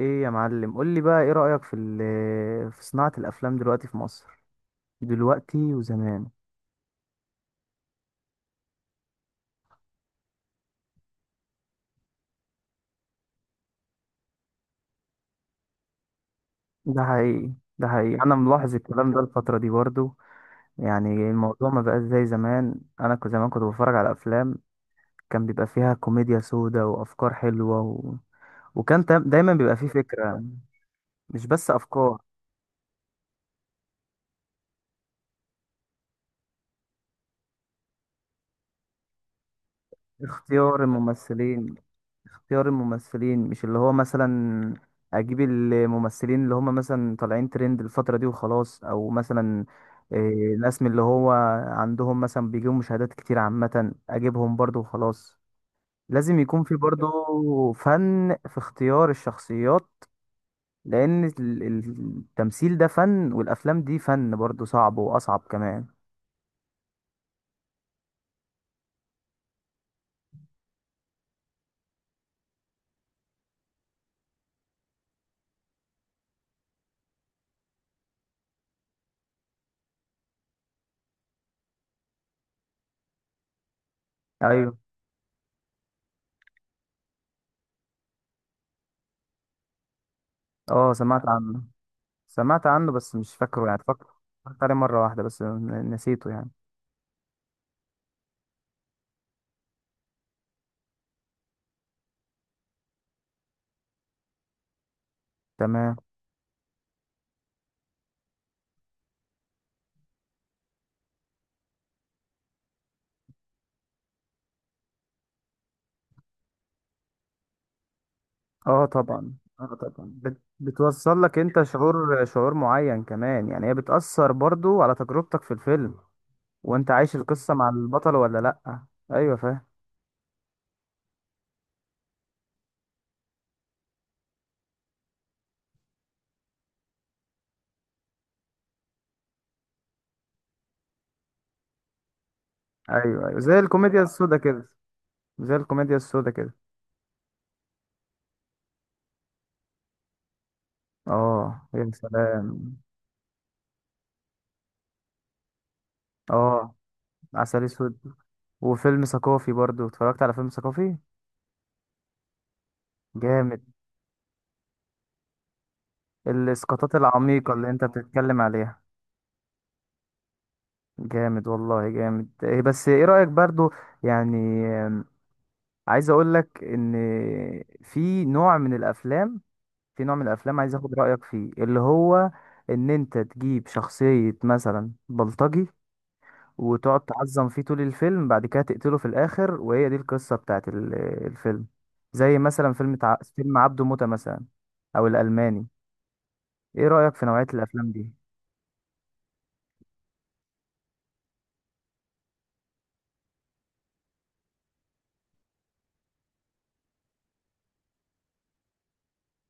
ايه يا معلم، قول لي بقى ايه رأيك في صناعة الافلام دلوقتي في مصر، دلوقتي وزمان. ده حقيقي، انا ملاحظ الكلام ده الفترة دي برضو. يعني الموضوع ما بقاش زي زمان، انا كنت زمان كنت بتفرج على افلام كان بيبقى فيها كوميديا سودا وافكار حلوة وكان تا- دايما بيبقى فيه فكرة. مش بس افكار. اختيار الممثلين اختيار الممثلين مش اللي هو مثلا، اجيب الممثلين اللي هم مثلا طالعين ترند الفترة دي وخلاص، او مثلا ناس من اللي هو عندهم مثلا بيجيبوا مشاهدات كتير عامة، اجيبهم برضو وخلاص. لازم يكون في برضو فن في اختيار الشخصيات. لان التمثيل ده فن، والافلام دي فن برضو صعب واصعب كمان. ايوه. اه، سمعت عنه. سمعت عنه بس مش فاكره، يعني فاكره. اتفرجت عليه مرة واحدة بس نسيته يعني. تمام. اه طبعا. اه طبعا، بتوصل لك انت شعور معين كمان، يعني هي بتأثر برضو على تجربتك في الفيلم، وانت عايش القصة مع البطل ولا لأ. ايوه، فاهم. ايوه ايوه، زي الكوميديا السودا كده. زي الكوميديا السودا كده اه يا سلام. اه، عسل اسود. وفيلم ثقافي برضو، اتفرجت على فيلم ثقافي. جامد. الاسقاطات العميقة اللي انت بتتكلم عليها. جامد والله جامد. إيه بس ايه رأيك برضو، يعني، عايز اقول لك ان، في نوع من الافلام، في نوع من الافلام عايز اخد رايك فيه، اللي هو ان انت تجيب شخصيه مثلا بلطجي وتقعد تعظم فيه طول الفيلم، بعد كده تقتله في الاخر، وهي دي القصه بتاعت الفيلم. زي مثلا فيلم عبده موتة مثلا، او الالماني. ايه رايك في نوعيه الافلام دي؟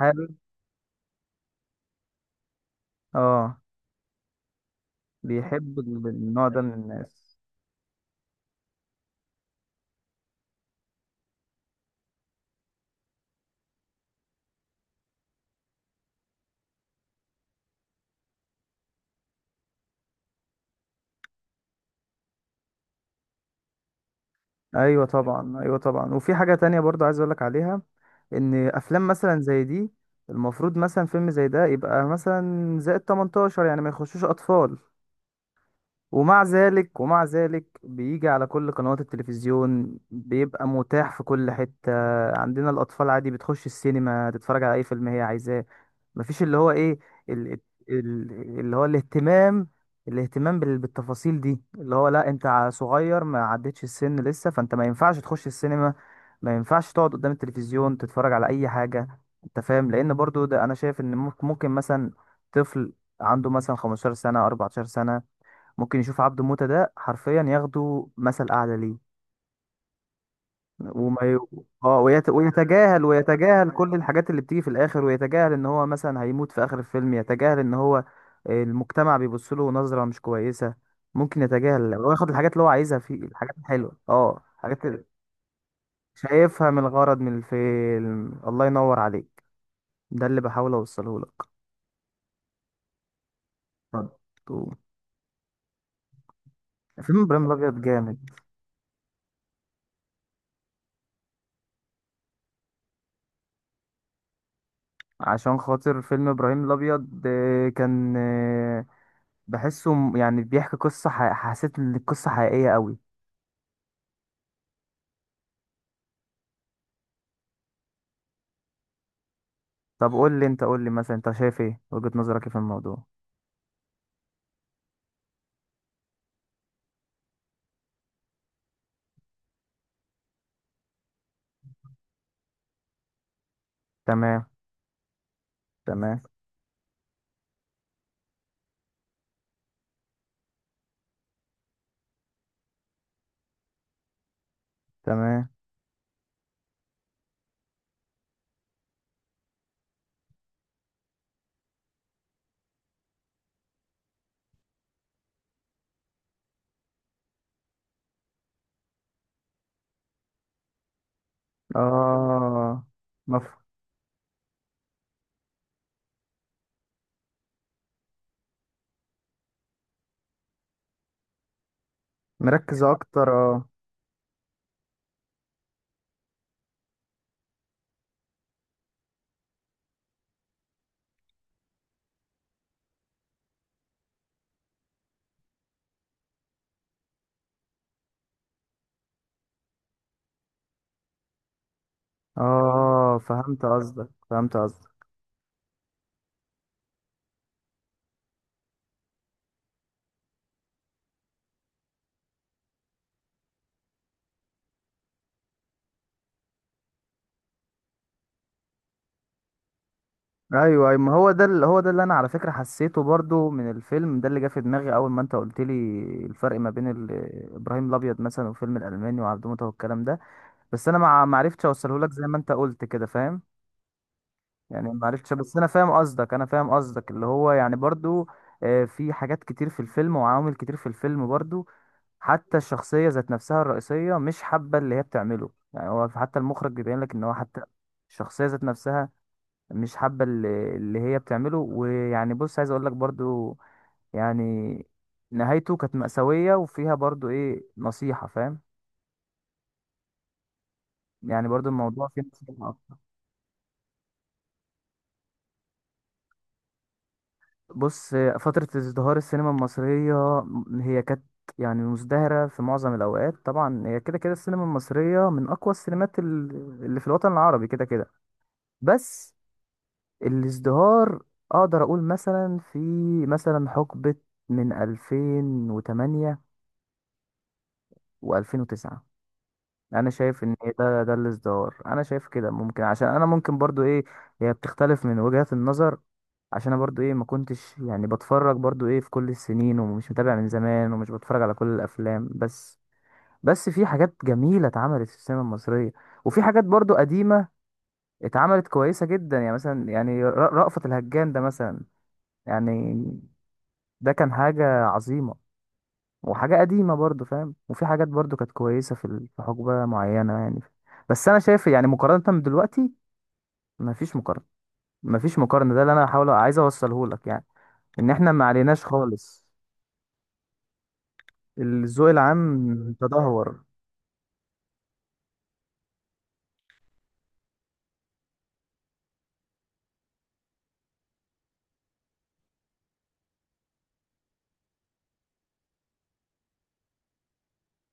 هل، اه، بيحب النوع ده من الناس. ايوه طبعا ايوه طبعا. وفي حاجه تانية برضو عايز اقولك عليها، ان افلام مثلا زي دي، المفروض مثلا فيلم زي ده يبقى مثلا زائد 18، يعني ما يخشوش اطفال. ومع ذلك ومع ذلك بيجي على كل قنوات التلفزيون، بيبقى متاح في كل حتة. عندنا الأطفال عادي بتخش السينما تتفرج على أي فيلم هي عايزاه. مفيش اللي هو إيه، ال... ال... اللي هو الاهتمام، الاهتمام بالتفاصيل دي، اللي هو لا أنت صغير، ما عدتش السن لسه، فأنت ما ينفعش تخش السينما، ما ينفعش تقعد قدام التلفزيون تتفرج على أي حاجة. أنت فاهم؟ لأن برضو ده أنا شايف إن ممكن، ممكن مثلا طفل عنده مثلا 15 سنة، 14 سنة، ممكن يشوف عبده موتة ده حرفيا، ياخده مثل أعلى ليه. وما ي... اه، ويتجاهل، ويتجاهل كل الحاجات اللي بتيجي في الآخر، ويتجاهل إن هو مثلا هيموت في آخر الفيلم، يتجاهل إن هو المجتمع بيبص له نظرة مش كويسة. ممكن يتجاهل وياخد الحاجات اللي هو عايزها في الحاجات الحلوة، اه الحاجات اللي شايفها من الغرض من الفيلم. الله ينور عليك، ده اللي بحاول أوصله لك. برضو. فيلم ابراهيم الابيض جامد. عشان خاطر فيلم ابراهيم الابيض، آه، كان آه، بحسه يعني بيحكي قصة حسيت ان القصة حقيقية قوي. طب قول لي انت قول لي مثلا انت شايف ايه، وجهة نظرك إيه في الموضوع؟ تمام. تمام. تمام. اه. مف... مركز اكتر، اه. اه فهمت قصدك، ايوه ايوه، ما هو ده اللي انا على فكرة حسيته برضو من الفيلم ده، اللي جه في دماغي اول ما انت قلت لي الفرق ما بين ابراهيم الابيض مثلا والفيلم الالماني وعبد موتة والكلام ده. بس انا ما عرفتش اوصله لك زي ما انت قلت كده، فاهم؟ يعني ما عرفتش، بس انا فاهم قصدك، اللي هو يعني برضو آه، في حاجات كتير في الفيلم وعوامل كتير في الفيلم برضو، حتى الشخصية ذات نفسها الرئيسية مش حابة اللي هي بتعمله، يعني هو حتى المخرج بيبين لك ان هو حتى الشخصية ذات نفسها مش حابة اللي هي بتعمله. ويعني بص عايز اقول لك برضو يعني، نهايته كانت مأساوية وفيها برضو ايه نصيحة، فاهم؟ يعني برضو الموضوع فيه نصيحة. بص، فترة ازدهار السينما المصرية، هي كانت يعني مزدهرة في معظم الأوقات طبعا، هي كده كده السينما المصرية من أقوى السينمات اللي في الوطن العربي كده كده. بس الازدهار، أقدر أقول مثلا في، مثلا حقبة من 2008 و2009، انا شايف ان إيه، ده الازدهار، انا شايف كده. ممكن عشان انا ممكن برضو ايه، هي بتختلف من وجهات النظر، عشان انا برضو ايه ما كنتش يعني بتفرج برضو ايه في كل السنين، ومش متابع من زمان، ومش بتفرج على كل الافلام. بس بس في حاجات جميلة اتعملت في السينما المصرية، وفي حاجات برضو قديمة اتعملت كويسة جدا، يعني مثلا يعني رأفت الهجان ده مثلا يعني، ده كان حاجة عظيمة وحاجة قديمة برضو، فاهم؟ وفي حاجات برضو كانت كويسة في حقبة معينة يعني. بس أنا شايف يعني مقارنة بدلوقتي، مفيش مقارنة. مفيش مقارنة ده اللي أنا حاول عايز أوصله لك يعني، إن إحنا ما عليناش خالص، الذوق العام تدهور.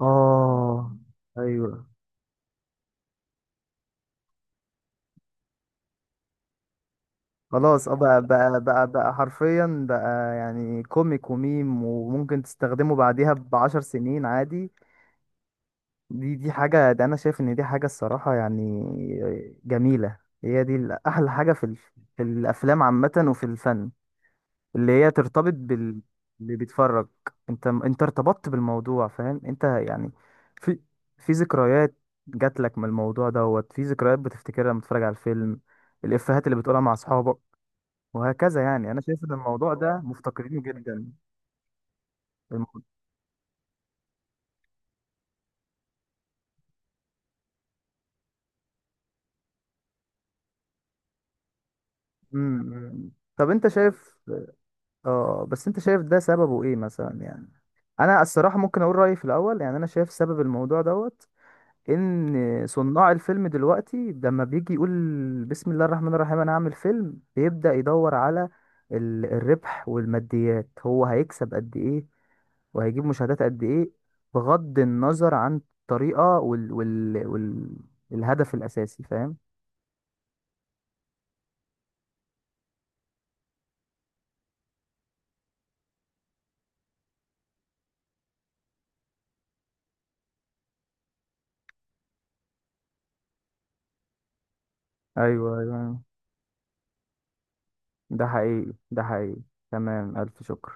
آه. أيوه. خلاص اه، بقى حرفيا بقى، يعني كوميك وميم، وممكن تستخدمه بعديها بـ10 سنين عادي. دي حاجة، ده أنا شايف إن دي حاجة الصراحة يعني جميلة، هي دي أحلى حاجة في الأفلام عامة وفي الفن، اللي هي ترتبط بال، اللي بيتفرج. أنت ارتبطت بالموضوع، فاهم أنت يعني؟ في، في ذكريات جات لك من الموضوع دوت، في ذكريات بتفتكرها لما تتفرج على الفيلم، الإفيهات اللي بتقولها مع أصحابك وهكذا. يعني أنا شايف إن الموضوع ده مفتقرينه جدا. الم... م- م- م. طب أنت شايف، اه بس انت شايف ده سببه ايه مثلا يعني. انا الصراحه ممكن اقول رايي في الاول، يعني انا شايف سبب الموضوع دوت، ان صناع الفيلم دلوقتي، لما بيجي يقول بسم الله الرحمن الرحيم انا هعمل فيلم، بيبدا يدور على الربح والماديات، هو هيكسب قد ايه، وهيجيب مشاهدات قد ايه، بغض النظر عن الطريقه الهدف الاساسي، فاهم؟ ايوه ايوه. ده حقيقي ده حقيقي. تمام، الف شكر.